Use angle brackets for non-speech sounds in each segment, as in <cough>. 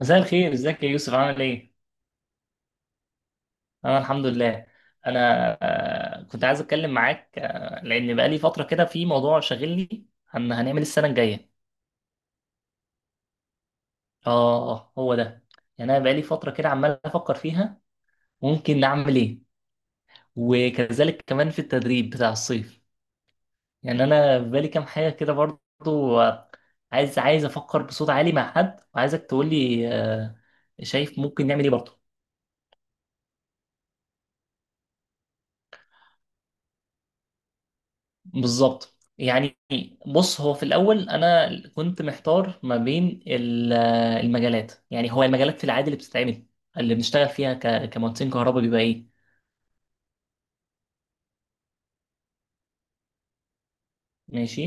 مساء الخير. ازيك يا يوسف؟ عامل ايه؟ انا الحمد لله. انا، كنت عايز اتكلم معاك، لان بقالي فتره كده في موضوع شاغلني. هنعمل السنه الجايه. اه، هو ده. يعني انا بقالي فتره كده عمال افكر فيها ممكن نعمل ايه، وكذلك كمان في التدريب بتاع الصيف. يعني انا في بالي كام حاجه كده برضو، عايز افكر بصوت عالي مع حد، وعايزك تقول لي شايف ممكن نعمل ايه برضو. بالظبط يعني. بص، هو في الاول انا كنت محتار ما بين المجالات. يعني هو المجالات في العادي اللي بتتعمل، اللي بنشتغل فيها كمهندسين كهرباء، بيبقى ايه؟ ماشي.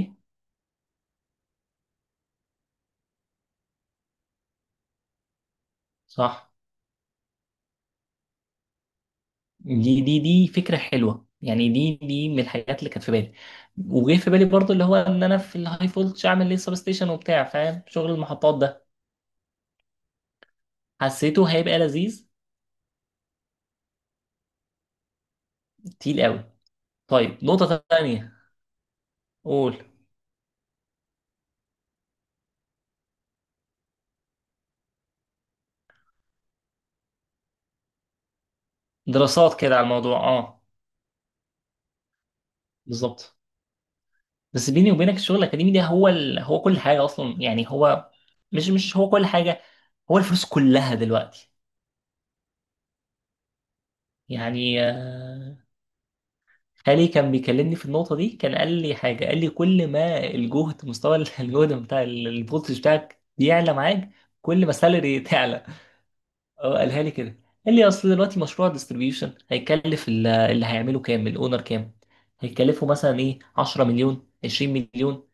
صح. دي فكره حلوه، يعني دي من الحاجات اللي كانت في بالي. وجه في بالي برضو اللي هو ان انا في الهاي فولتش اعمل ليه سبستيشن وبتاع، فاهم شغل المحطات ده. حسيته هيبقى لذيذ. تقيل قوي. طيب، نقطه تانيه. قول. دراسات كده على الموضوع، اه. بالظبط. بس بيني وبينك الشغل الاكاديمي ده هو هو كل حاجه اصلا، يعني هو مش هو كل حاجه، هو الفلوس كلها دلوقتي. يعني، خالي كان بيكلمني في النقطه دي، كان قال لي حاجه، قال لي كل ما الجهد مستوى <laughs> الجهد بتاع الفولتج بتاعك بيعلى معاك، كل ما السالري تعلى. اه، قالها لي كده. قال لي اصل دلوقتي مشروع ديستريبيوشن هيكلف اللي هيعمله، كام الاونر، كام هيكلفه مثلا؟ ايه، 10 مليون، 20 مليون،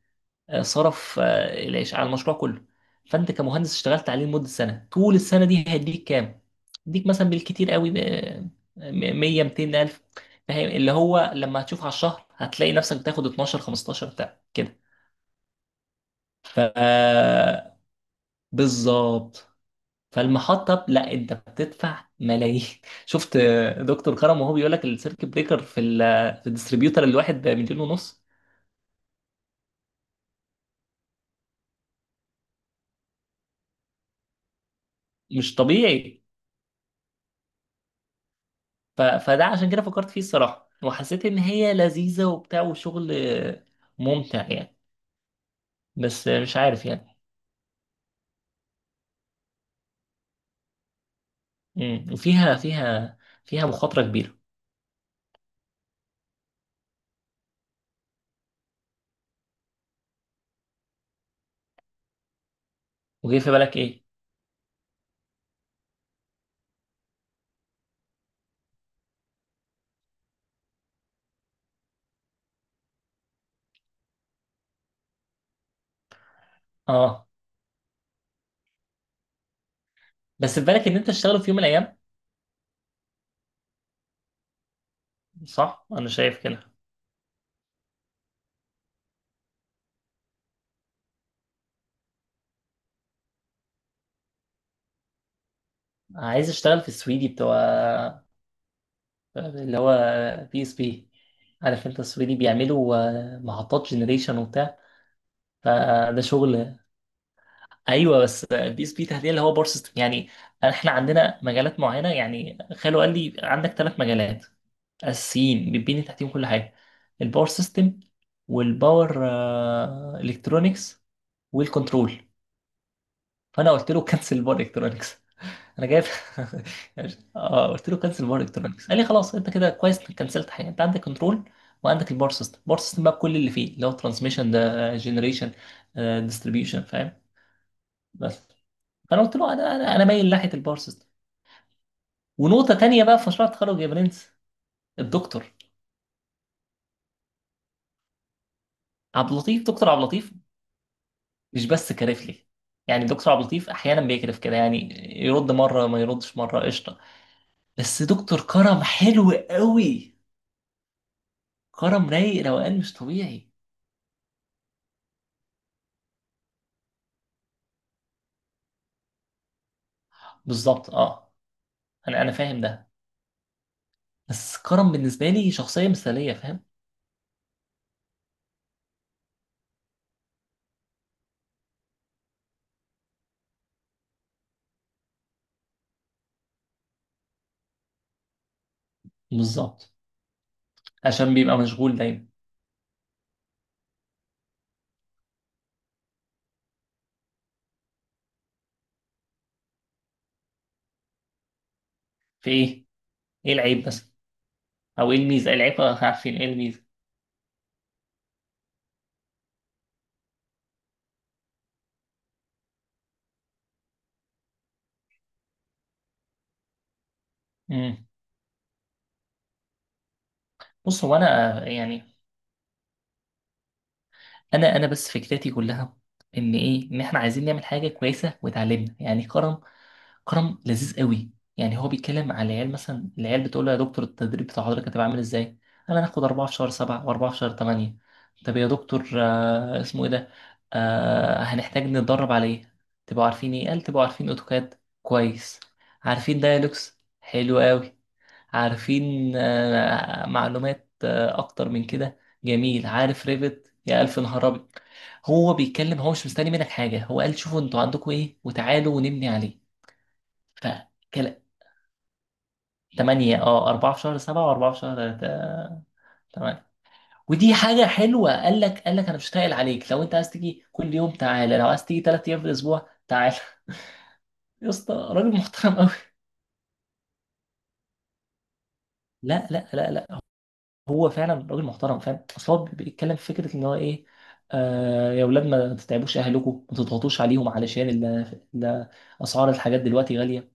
صرف العيش على المشروع كله. فانت كمهندس اشتغلت عليه لمده سنه، طول السنه دي هيديك كام؟ يديك مثلا بالكتير قوي ب 100، 200 الف. فاهم اللي هو لما هتشوف على الشهر هتلاقي نفسك بتاخد 12، 15، بتاع كده. ف آه، بالظبط. فالمحطه لا، انت بتدفع ملايين. <laughs> شفت، دكتور كرم وهو بيقول لك السيركت بريكر في في الديستريبيوتر الواحد بمليون ونص. مش طبيعي. فده عشان كده فكرت فيه الصراحة، وحسيت إن هي لذيذة وبتاع وشغل ممتع يعني. بس مش عارف يعني. وفيها فيها مخاطرة كبيرة. وجاي في بالك إيه؟ آه. بس في بالك إن أنت تشتغل في يوم من الأيام؟ صح؟ أنا شايف كده. عايز أشتغل في السويدي بتوع، اللي هو، بي اس بي. عارف أنت السويدي بيعملوا محطات جنريشن وبتاع، فده شغل. ايوه، بس البي اس بي تحديدا اللي هو باور سيستم يعني. احنا عندنا مجالات معينه. يعني خالو قال لي عندك ثلاث مجالات اساسيين بتبني تحتيهم كل حاجه: الباور سيستم، والباور الكترونكس، والكنترول. فانا قلت له كنسل باور الكترونكس، انا جايب. <laughs> اه قلت له كنسل باور الكترونكس، قال لي خلاص انت كده كويس انك كنسلت حاجه، انت عندك كنترول وعندك الباور سيستم. الباور سيستم بقى بكل اللي فيه، اللي هو ترانسميشن، ده جنريشن، ديستريبيوشن، بس. فانا قلت له انا مايل ناحيه الباور سيستم. ونقطه تانية بقى في مشروع التخرج يا برنس: الدكتور عبد اللطيف. دكتور عبد اللطيف مش بس كارف لي، يعني دكتور عبد اللطيف احيانا بيكرف كده يعني، يرد مره، ما يردش مره، قشطه. بس دكتور كرم حلو قوي. كرم رايق، روقان مش طبيعي. بالظبط، اه. انا فاهم ده. بس كرم بالنسبه لي شخصيه مثاليه، فاهم. بالظبط. عشان بيبقى مشغول دايما. في ايه؟ ايه العيب بس، او ايه الميزه؟ العيب، عارفين ايه الميزه. مم. بص، هو انا يعني انا بس فكرتي كلها ان ايه، ان احنا عايزين نعمل حاجه كويسه وتعلمنا، يعني كرم. كرم لذيذ قوي. يعني هو بيتكلم على العيال، مثلا العيال بتقول له يا دكتور التدريب بتاع حضرتك هتبقى عامل ازاي؟ انا هناخد 4 في شهر 7 و4 في شهر 8. طب يا دكتور، آه اسمه ايه ده، آه هنحتاج نتدرب على ايه؟ تبقوا عارفين ايه؟ قال: تبقوا عارفين اوتوكاد، كويس. عارفين دايلوكس، حلو قوي. عارفين معلومات اكتر من كده، جميل. عارف ريفت؟ يا الف نهار ابيض. هو بيتكلم، هو مش مستني منك حاجه، هو قال شوفوا انتوا عندكم ايه وتعالوا ونبني عليه. ف 8، اه 4 في شهر 7 و4 في شهر 8. ودي حاجه حلوه. قال لك قال لك انا مش هتقل عليك، لو انت عايز تيجي كل يوم تعالى، لو عايز تيجي 3 ايام في الاسبوع تعالى. <laughs> يا اسطى، راجل محترم قوي. لا لا لا لا، هو فعلا راجل محترم، فاهم اصل هو بيتكلم في فكره ان هو ايه: آه يا اولاد ما تتعبوش اهلكم، ما تضغطوش عليهم، علشان اسعار الحاجات دلوقتي غاليه.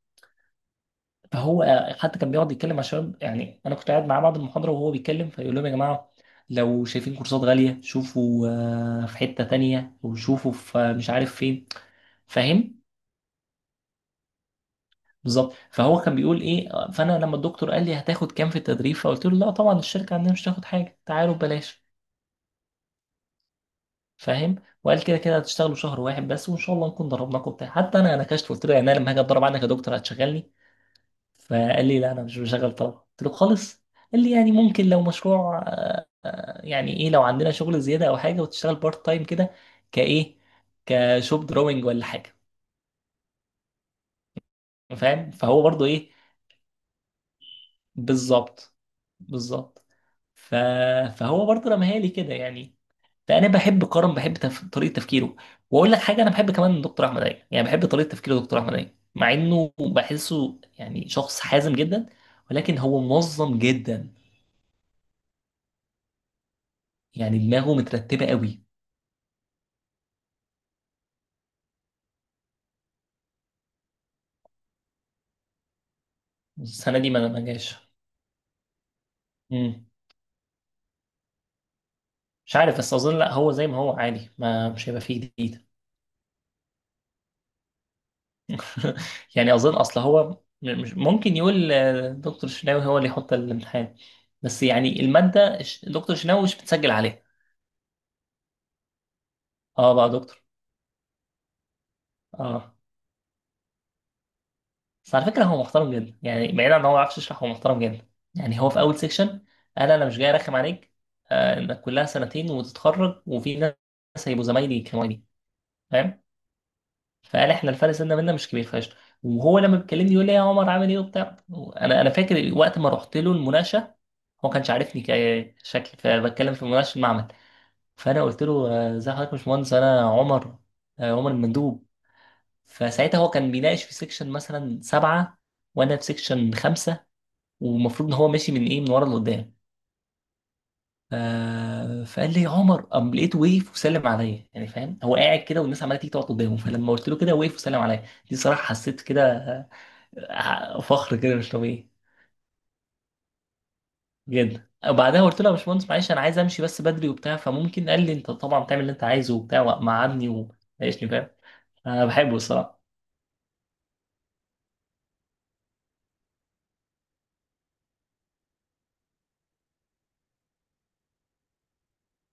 فهو حتى كان بيقعد يتكلم مع الشباب، يعني انا كنت قاعد معاه بعد المحاضره وهو بيتكلم، فيقول لهم: يا جماعه لو شايفين كورسات غاليه شوفوا، آه، في حته تانية وشوفوا في، مش عارف فين، فاهم. بالظبط. فهو كان بيقول ايه، فانا لما الدكتور قال لي هتاخد كام في التدريب، فقلت له لا طبعا الشركه عندنا مش هتاخد حاجه، تعالوا ببلاش، فاهم. وقال كده كده هتشتغلوا شهر واحد بس وان شاء الله نكون ضربناكم بتاع. حتى انا نكشت قلت له يعني انا لما هاجي اتدرب عندك يا دكتور هتشغلني؟ فقال لي لا انا مش بشغل طلبه. قلت له خالص. قال لي يعني ممكن لو مشروع، يعني ايه، لو عندنا شغل زياده او حاجه وتشتغل بارت تايم كده، كايه، كشوب دروينج ولا حاجه، فاهم. فهو برضو ايه. بالظبط. بالظبط. ف... فهو برضو رماها لي كده يعني. فانا بحب كرم، بحب طريقه تفكيره. واقول لك حاجه: انا بحب كمان دكتور احمد عيد، يعني بحب طريقه تفكيره. دكتور احمد عيد مع انه بحسه يعني شخص حازم جدا، ولكن هو منظم جدا، يعني دماغه مترتبه قوي. السنه دي ما جاش. مم. مش عارف، بس اظن لا، هو زي ما هو عادي، ما مش هيبقى فيه جديد. <laughs> يعني اظن اصل هو مش ممكن يقول دكتور شناوي هو اللي يحط الامتحان، بس يعني الماده دكتور شناوي مش بتسجل عليها. اه بقى دكتور، اه. بس على فكره هو محترم جدا، يعني بعيد عن ان هو ما بيعرفش يشرح، هو محترم جدا. يعني هو في اول سيكشن قال: انا مش جاي ارخم عليك، آه انك كلها سنتين وتتخرج وفي ناس هيبقوا زمايلي كمالي، فاهم. فقال احنا الفرق سنة منا مش كبير فشخ. وهو لما بيكلمني يقول لي يا عمر عامل ايه وبتاع. انا فاكر وقت ما رحت له المناقشه، هو كانش عارفني كشكل، فبتكلم في مناقشه المعمل. فانا قلت له ازي حضرتك يا باشمهندس، انا عمر، عمر المندوب. فساعتها هو كان بيناقش في سيكشن مثلا سبعه وانا في سيكشن خمسه، ومفروض ان هو ماشي من ايه، من ورا لقدام، فقال لي يا عمر، قام لقيته وقف وسلم عليا. يعني فاهم، هو قاعد كده والناس عماله تيجي تقعد قدامه، فلما قلت له كده وقف وسلم عليا. دي صراحه حسيت كده، فخر كده مش طبيعي جدا. وبعدها قلت له يا باشمهندس معلش انا عايز امشي بس بدري وبتاع، فممكن؟ قال لي انت طبعا بتعمل اللي انت عايزه وبتاع، وقعدني وعيشني، فاهم. انا بحبه الصراحه.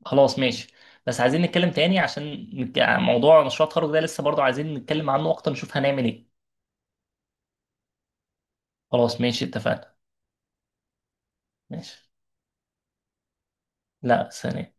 خلاص ماشي. بس عايزين نتكلم تاني، عشان موضوع مشروع التخرج ده لسه برضه عايزين نتكلم عنه اكتر، نشوف هنعمل ايه. خلاص، ماشي، اتفقنا. ماشي. لا، ثانية.